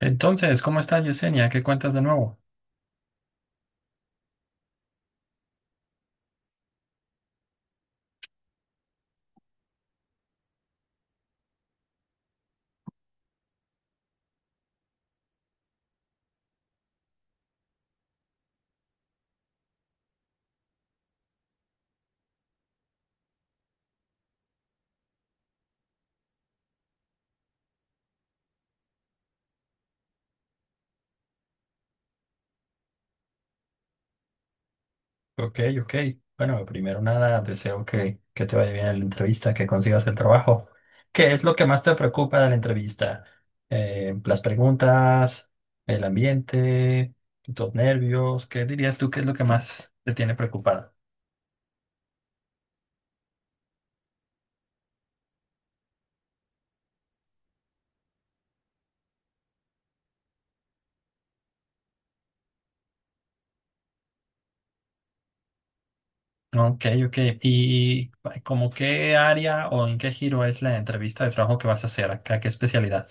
Entonces, ¿cómo estás, Yesenia? ¿Qué cuentas de nuevo? Ok, ok. Bueno, primero nada, deseo que te vaya bien en la entrevista, que consigas el trabajo. ¿Qué es lo que más te preocupa de la entrevista? Las preguntas, el ambiente, tus nervios. ¿Qué dirías tú que es lo que más te tiene preocupada? Ok, ok. ¿Y como qué área o en qué giro es la entrevista de trabajo que vas a hacer? ¿A qué especialidad?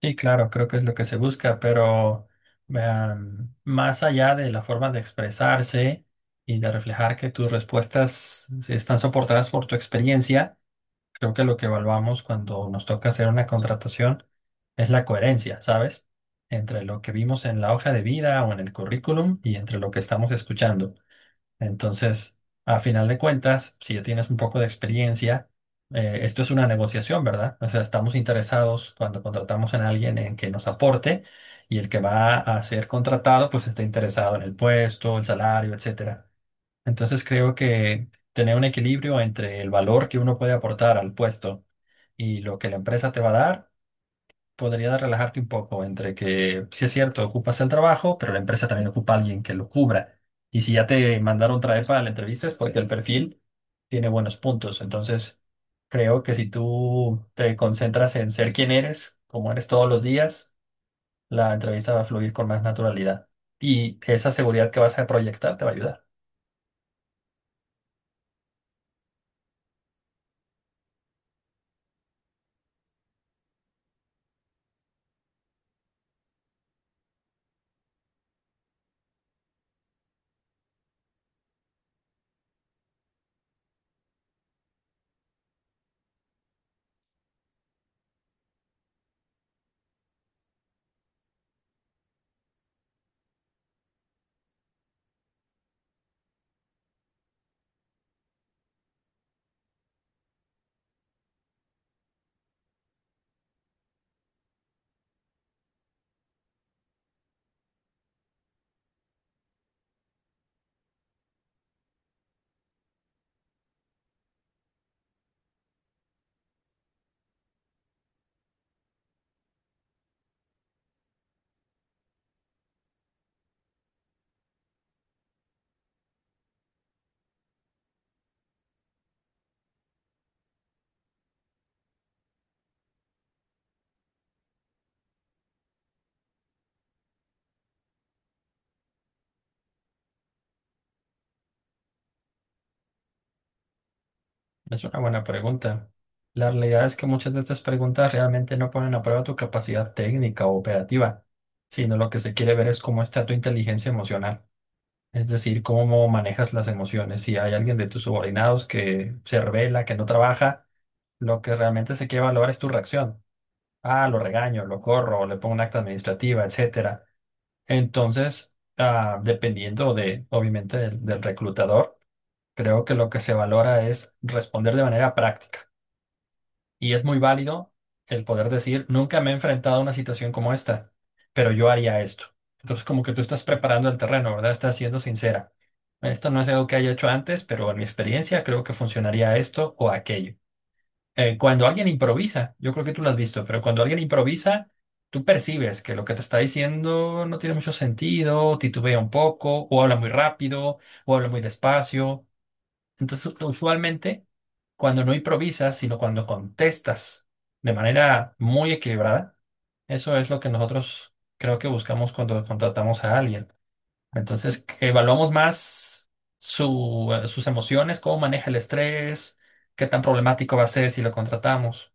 Sí, claro, creo que es lo que se busca, pero vean, más allá de la forma de expresarse y de reflejar que tus respuestas están soportadas por tu experiencia, creo que lo que evaluamos cuando nos toca hacer una contratación es la coherencia, ¿sabes? Entre lo que vimos en la hoja de vida o en el currículum y entre lo que estamos escuchando. Entonces, a final de cuentas, si ya tienes un poco de experiencia, esto es una negociación, ¿verdad? O sea, estamos interesados cuando contratamos a alguien en que nos aporte y el que va a ser contratado, pues está interesado en el puesto, el salario, etcétera. Entonces, creo que tener un equilibrio entre el valor que uno puede aportar al puesto y lo que la empresa te va a dar podría relajarte un poco entre que, si es cierto, ocupas el trabajo, pero la empresa también ocupa a alguien que lo cubra. Y si ya te mandaron traer para la entrevista es porque el perfil tiene buenos puntos. Entonces, creo que si tú te concentras en ser quien eres, como eres todos los días, la entrevista va a fluir con más naturalidad. Y esa seguridad que vas a proyectar te va a ayudar. Es una buena pregunta. La realidad es que muchas de estas preguntas realmente no ponen a prueba tu capacidad técnica o operativa, sino lo que se quiere ver es cómo está tu inteligencia emocional, es decir, cómo manejas las emociones. Si hay alguien de tus subordinados que se revela, que no trabaja, lo que realmente se quiere valorar es tu reacción. Ah, lo regaño, lo corro, le pongo un acta administrativa, etcétera. Entonces, ah, dependiendo de, obviamente, del reclutador, creo que lo que se valora es responder de manera práctica y es muy válido el poder decir, nunca me he enfrentado a una situación como esta, pero yo haría esto. Entonces, como que tú estás preparando el terreno, ¿verdad? Estás siendo sincera. Esto no es algo que haya hecho antes, pero en mi experiencia creo que funcionaría esto o aquello. Cuando alguien improvisa, yo creo que tú lo has visto, pero cuando alguien improvisa, tú percibes que lo que te está diciendo no tiene mucho sentido, titubea un poco, o habla muy rápido, o habla muy despacio. Entonces, usualmente, cuando no improvisas, sino cuando contestas de manera muy equilibrada, eso es lo que nosotros creo que buscamos cuando contratamos a alguien. Entonces, que evaluamos más sus emociones, cómo maneja el estrés, qué tan problemático va a ser si lo contratamos.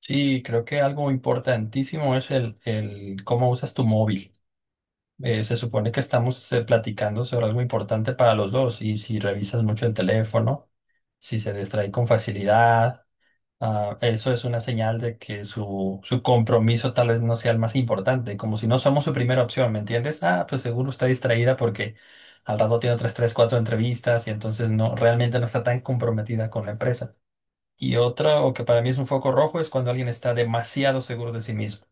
Sí, creo que algo importantísimo es el cómo usas tu móvil. Se supone que estamos platicando sobre algo importante para los dos y si revisas mucho el teléfono. Si se distrae con facilidad, ah, eso es una señal de que su compromiso tal vez no sea el más importante, como si no somos su primera opción, ¿me entiendes? Ah, pues seguro está distraída porque al rato tiene otras tres, cuatro entrevistas y entonces no, realmente no está tan comprometida con la empresa. Y otra, o que para mí es un foco rojo, es cuando alguien está demasiado seguro de sí mismo.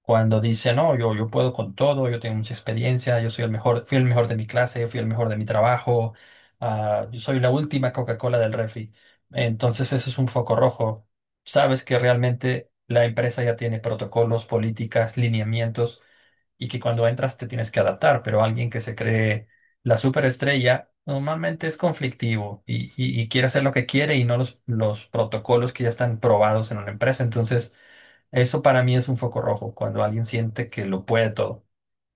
Cuando dice, no, yo puedo con todo, yo tengo mucha experiencia, yo soy el mejor, fui el mejor de mi clase, yo fui el mejor de mi trabajo, ah, yo soy la última Coca-Cola del refri. Entonces eso es un foco rojo. Sabes que realmente la empresa ya tiene protocolos, políticas, lineamientos y que cuando entras te tienes que adaptar, pero alguien que se cree la superestrella normalmente es conflictivo y quiere hacer lo que quiere y no los protocolos que ya están probados en una empresa. Entonces... Eso para mí es un foco rojo, cuando alguien siente que lo puede todo.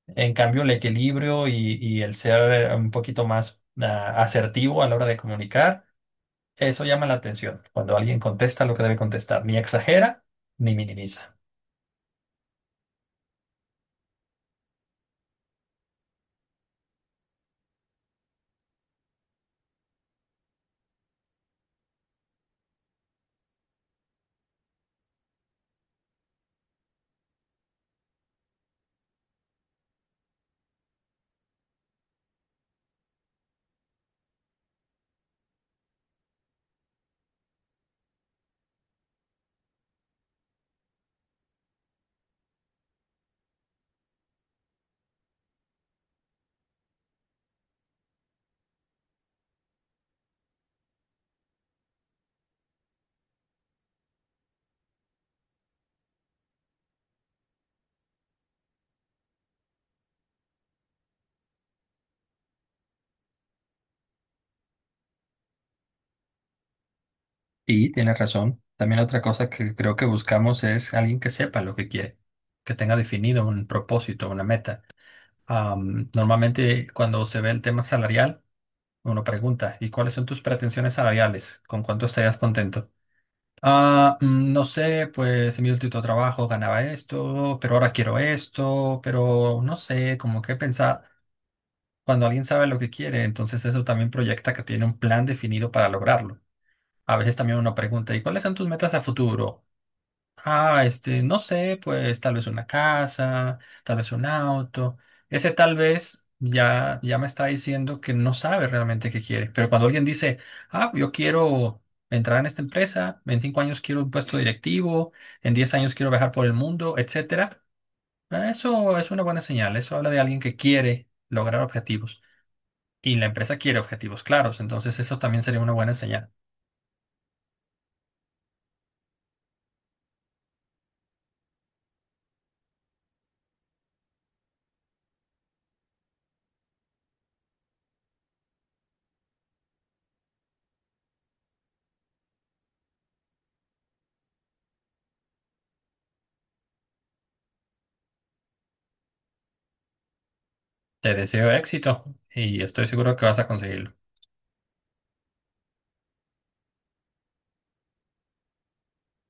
En cambio, el equilibrio y el ser un poquito más asertivo a la hora de comunicar, eso llama la atención, cuando alguien contesta lo que debe contestar, ni exagera ni minimiza. Y tienes razón. También otra cosa que creo que buscamos es alguien que sepa lo que quiere, que tenga definido un propósito, una meta. Normalmente cuando se ve el tema salarial, uno pregunta, ¿y cuáles son tus pretensiones salariales? ¿Con cuánto estarías contento? Ah, mm, no sé, pues en mi último trabajo ganaba esto, pero ahora quiero esto, pero no sé, como que pensar, cuando alguien sabe lo que quiere, entonces eso también proyecta que tiene un plan definido para lograrlo. A veces también uno pregunta, ¿y cuáles son tus metas a futuro? Ah, este, no sé, pues tal vez una casa, tal vez un auto. Ese tal vez ya, ya me está diciendo que no sabe realmente qué quiere. Pero cuando alguien dice, ah, yo quiero entrar en esta empresa, en 5 años quiero un puesto directivo, en 10 años quiero viajar por el mundo, etcétera, ah, eso es una buena señal. Eso habla de alguien que quiere lograr objetivos. Y la empresa quiere objetivos claros, entonces eso también sería una buena señal. Te deseo éxito y estoy seguro que vas a conseguirlo.